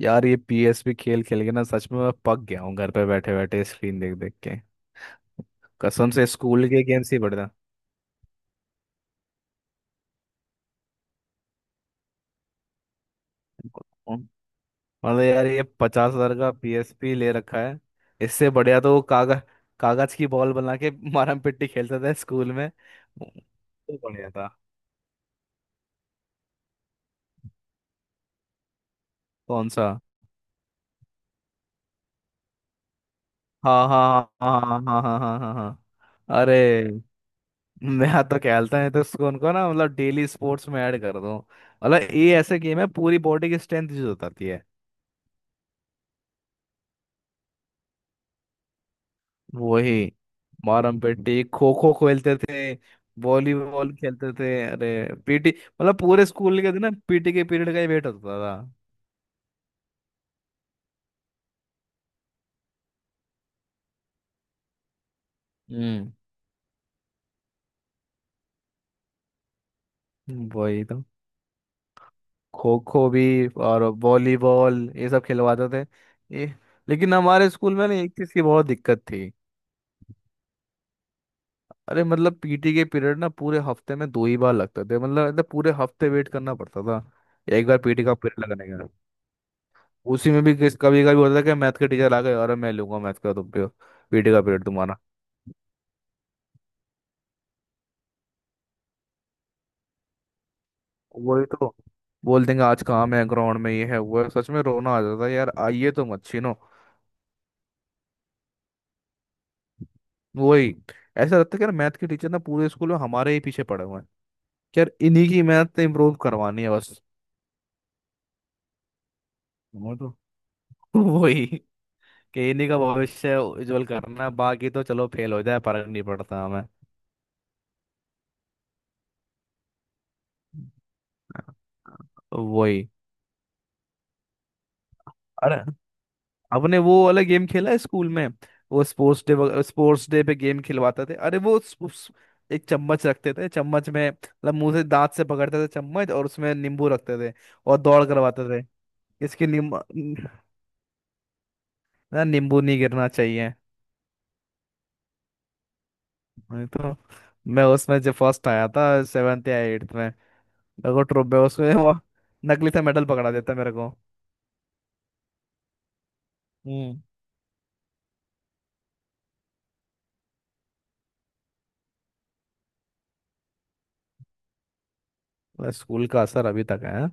यार ये पीएसपी खेल खेल के ना, सच में मैं पक गया हूँ घर पे बैठे बैठे स्क्रीन देख देख के। कसम से स्कूल के गेम से ही बढ़िया। मतलब यार, ये 50,000 का पीएसपी ले रखा है, इससे बढ़िया तो वो कागज, कागज की बॉल बना के मारम पिट्टी खेलते थे स्कूल में। वो तो बढ़िया था। कौन सा? हाँ हाँ हाँ हाँ हाँ हाँ हाँ हाँ हाँ। हाँ। अरे मैं तो खेलता है तो उसको उनको ना, मतलब डेली स्पोर्ट्स में ऐड कर दो। मतलब ये ऐसे गेम है, पूरी बॉडी की स्ट्रेंथ यूज होती है। वही, मारम पेटी खो खो खेलते थे, वॉलीबॉल खेलते थे। अरे पीटी, मतलब पूरे स्कूल के दिन ना पीटी के पीरियड का ही वेट होता था। हम्म। वही तो। खो खो भी और वॉलीबॉल, ये सब खिलवाते थे। ये, लेकिन हमारे स्कूल में ना एक चीज की बहुत दिक्कत थी। अरे मतलब पीटी के पीरियड ना पूरे हफ्ते में दो ही बार लगते थे, मतलब पूरे हफ्ते वेट करना पड़ता था एक बार पीटी का पीरियड लगने। उसी में भी किस कभी कभी होता था कि मैथ के टीचर आ गए, अरे मैं लूंगा मैथ का तुम पे, पीटी का पीरियड तुम्हारा। वही तो। बोल देंगे आज काम है ग्राउंड में, ये है वो है। सच में रोना आ जाता है यार। आइए तुम अच्छी नो। वही। ऐसा लगता है कि यार मैथ के टीचर ना पूरे स्कूल में हमारे ही पीछे पड़े हुए हैं कि यार इन्हीं की मैथ इम्प्रूव करवानी है बस। वो तो। वही, कि इन्हीं का भविष्य उज्जवल करना है, बाकी तो चलो फेल हो जाए, फर्क नहीं पड़ता हमें। वही। अरे आपने वो वाला गेम खेला है स्कूल में? वो स्पोर्ट्स डे, स्पोर्ट्स डे पे गेम खिलवाते थे। अरे वो एक चम्मच रखते थे, चम्मच में मतलब मुंह से दांत से पकड़ते थे चम्मच और उसमें नींबू रखते थे, और दौड़ करवाते थे। इसके नींबू, ना नींबू नहीं गिरना चाहिए, नहीं तो। मैं उसमें जब फर्स्ट आया था सेवेंथ या एट्थ में, मेरे को ट्रॉफी उसमें वो नकली सा मेडल पकड़ा देता मेरे को। हम्म। स्कूल का असर अभी तक है।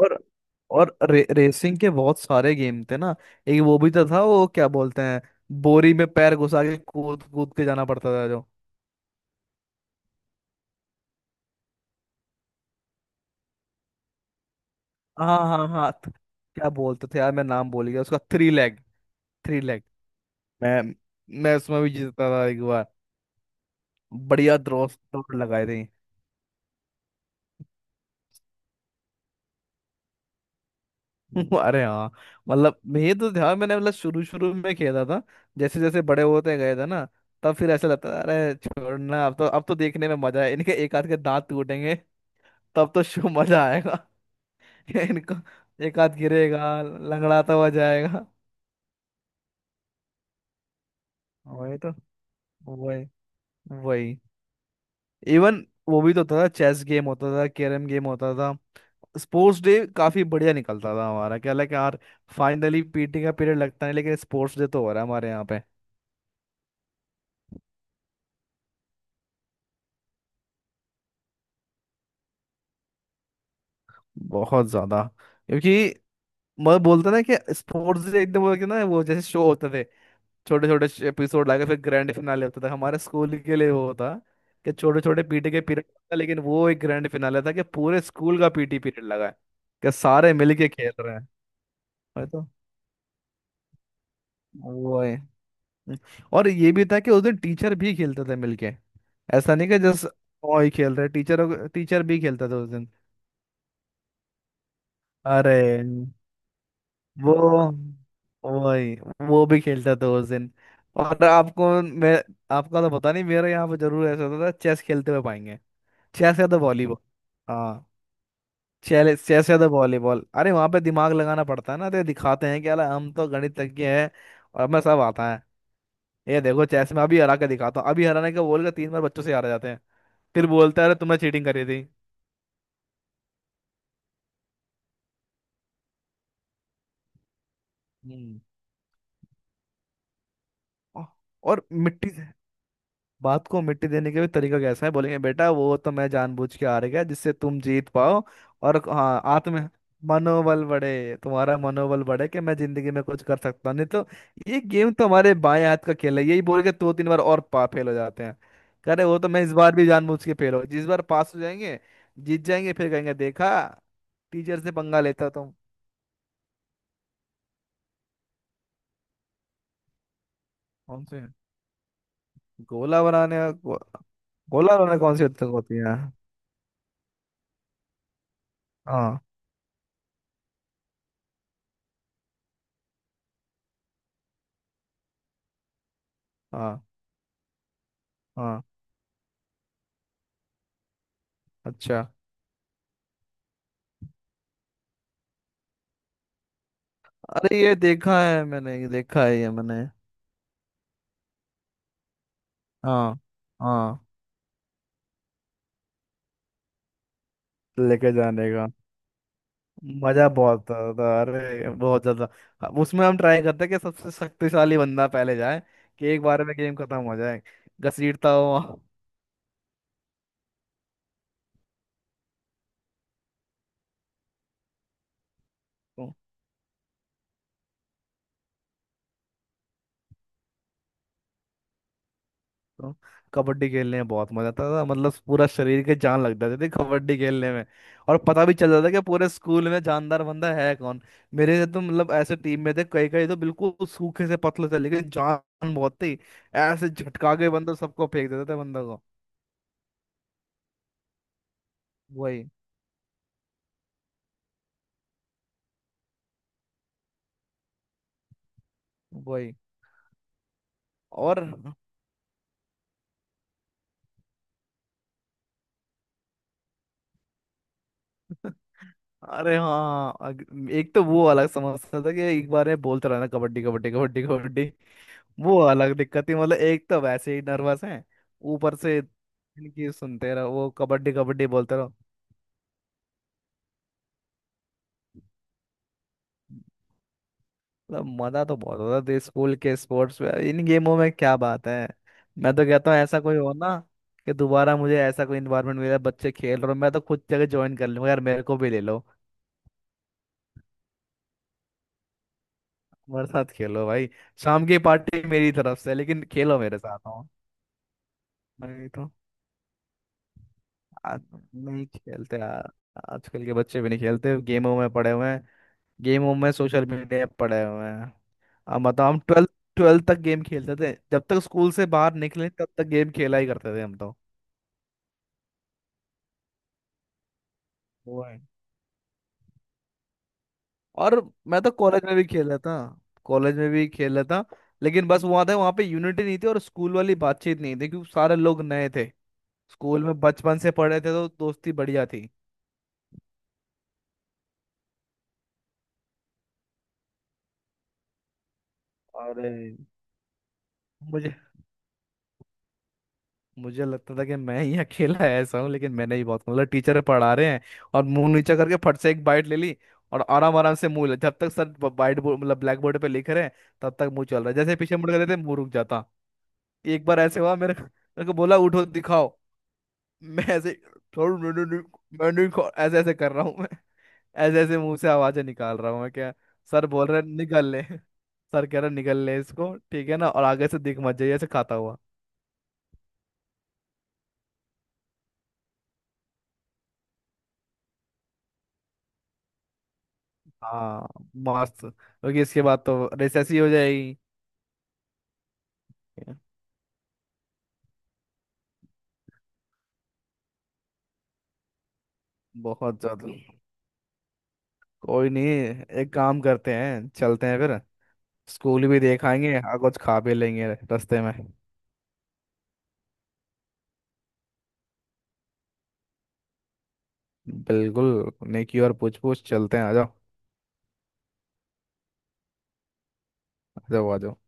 और रेसिंग के बहुत सारे गेम थे ना। एक वो भी तो था, वो क्या बोलते हैं, बोरी में पैर घुसा के कूद कूद के जाना पड़ता था जो। हाँ हाँ हाँ। क्या बोलते थे यार, मैं नाम भूल गया उसका, थ्री लेग, थ्री लेग। मैं मैं उसमें भी जीतता था एक बार, बढ़िया दोस्त दौड़ लगाए थे। अरे हाँ। मतलब ये तो ध्यान मैंने मतलब शुरू शुरू में खेला था, जैसे जैसे बड़े होते गए थे ना तब फिर ऐसा लगता था, अरे छोड़ना, अब तो देखने में मजा है, इनके एक आध के दांत टूटेंगे तब तो शो मजा आएगा। इनको एक हाथ गिरेगा, लंगड़ाता हुआ जाएगा। वही तो। वही। वही। इवन वो भी तो था, चेस गेम होता था, कैरम गेम होता था। स्पोर्ट्स डे काफी बढ़िया निकलता था हमारा, क्या लगा कि यार फाइनली पीटी का पीरियड लगता है, लेकिन स्पोर्ट्स डे तो हो रहा है हमारे यहाँ पे। बहुत ज्यादा। क्योंकि मैं बोलता ना कि स्पोर्ट्स डे एकदम वो कि ना, वो जैसे शो होते थे छोटे छोटे एपिसोड लाके फिर ग्रैंड फिनाले होता था, हमारे स्कूल के लिए वो होता कि छोटे छोटे पीटी के पीरियड था, लेकिन वो एक ग्रैंड फिनाले था कि पूरे स्कूल का पीटी पीरियड लगा है, कि सारे मिलके खेल रहे हैं। वही तो। वो है। और ये भी था कि उस दिन टीचर भी खेलते थे मिलके, ऐसा नहीं कि जस्ट ओ ही खेल रहे, टीचर टीचर भी खेलता था उस दिन। अरे वो। वही। वो भी खेलता था उस दिन। और आपको मैं, आपका तो पता नहीं, मेरे यहाँ पे जरूर ऐसा होता था, चेस खेलते हुए पाएंगे, चेस या द वॉलीबॉल। हाँ। चेले चेस या द वॉलीबॉल, अरे वहां पे दिमाग लगाना पड़ता है ना, तो दिखाते हैं कि अरे हम तो गणितज्ञ हैं और हमें सब आता है, ये देखो चेस में अभी हरा के दिखाता हूँ, अभी हराने का बोल के तीन बार बच्चों से हार जाते हैं, फिर बोलता है अरे तुमने चीटिंग करी थी। हम्म। औ- और मिट्टी से बात को मिट्टी देने के भी तरीका कैसा है, बोलेंगे बेटा वो तो मैं जानबूझ के हार गया जिससे तुम जीत पाओ। और हाँ, आत्म मनोबल बढ़े, तुम्हारा मनोबल बढ़े कि मैं जिंदगी में कुछ कर सकता हूँ, नहीं तो ये गेम तो हमारे बाएं हाथ का खेल है, यही बोल के दो तीन बार और पा फेल हो जाते हैं। कह रहे वो तो मैं इस बार भी जानबूझ के फेल हो, जिस बार पास हो जाएंगे जीत जाएंगे फिर कहेंगे देखा, टीचर से पंगा लेता तुम। कौन से? गोला बनाने, गोला बनाने कौन सी हद तक होती है? हाँ हाँ हाँ। अच्छा, अरे ये देखा है मैंने, ये देखा है ये मैंने। हाँ हाँ। लेके जाने का मजा बहुत आता, अरे बहुत ज्यादा। अब उसमें हम ट्राई करते हैं कि सबसे शक्तिशाली बंदा पहले जाए, कि एक बार में गेम खत्म हो जाए, घसीटता हो। तो कबड्डी खेलने में बहुत मजा आता था, मतलब पूरा शरीर के जान लग जाती थी कबड्डी खेलने में, और पता भी चल जाता था कि पूरे स्कूल में जानदार बंदा है कौन। मेरे तो मतलब ऐसे टीम में थे, कई कई तो बिल्कुल सूखे से पतले थे लेकिन जान बहुत थी, ऐसे झटका के बंदा सबको फेंक देता था बंदा को। वही। वही। और अरे हाँ। एक तो वो अलग समस्या था कि एक बार में बोलते रहना कबड्डी कबड्डी कबड्डी कबड्डी, वो अलग दिक्कत थी। मतलब एक तो वैसे ही नर्वस है, ऊपर से इनकी सुनते रहो, वो कबड्डी कबड्डी बोलते रहो। मतलब मजा तो बहुत होता था स्कूल के स्पोर्ट्स में, इन गेमों में क्या बात है। मैं तो कहता हूँ ऐसा कोई हो ना, कि दोबारा मुझे ऐसा कोई इन्वायरमेंट मिले बच्चे खेल रहे हो, मैं तो खुद जगह ज्वाइन कर लूंगा, यार मेरे को भी ले लो। मेरे साथ खेलो भाई, शाम की पार्टी मेरी तरफ से, लेकिन खेलो मेरे साथ। हाँ। वही। आज नहीं खेलते यार। आजकल के बच्चे भी नहीं खेलते, गेमों में पड़े हुए हैं, गेमों में सोशल मीडिया पे पड़े हुए हैं। अब बताओ, हम ट्वेल्थ ट्वेल्थ तक गेम खेलते थे, जब तक स्कूल से बाहर निकले तब तक गेम खेला ही करते थे हम तो। वो है। और मैं तो कॉलेज में भी खेला था, कॉलेज में भी खेला था, लेकिन बस वो आता है वहाँ पे यूनिटी नहीं थी और स्कूल वाली बातचीत नहीं थी क्योंकि सारे लोग नए थे। स्कूल में बचपन से पढ़े थे तो दोस्ती बढ़िया थी। और मुझे मुझे लगता था कि मैं ही अकेला ऐसा हूँ, लेकिन मैंने ही बहुत मतलब टीचर पढ़ा रहे हैं और मुंह नीचा करके फट से एक बाइट ले ली, और आराम आराम से मुंह, जब तक सर बाइट बोर्ड मतलब ब्लैक बोर्ड पे लिख रहे हैं तब तक मुंह चल रहा है, जैसे पीछे मुड़ कर देते मुंह रुक जाता। एक बार ऐसे हुआ, मेरे को बोला उठो दिखाओ। मैं ऐसे, थोड़ा मैंने नहीं नहीं- मैं नहीं खा-" ऐसे ऐसे कर रहा हूँ मैं, ऐसे ऐसे मुंह से आवाजें निकाल रहा हूँ मैं क्या। सर बोल रहे निकल ले, सर कह रहे निकल ले इसको, ठीक है ना, और आगे से दिख मत जाइए ऐसे खाता हुआ। हाँ मस्त, क्योंकि इसके बाद तो रिसेस ही हो जाएगी। बहुत ज्यादा। कोई नहीं, एक काम करते हैं चलते हैं फिर, स्कूल भी देख आएंगे और कुछ खा भी लेंगे रास्ते में। बिल्कुल, नेकी और पूछ पूछ, चलते हैं आ जाओ। आ जाओ आ जाओ।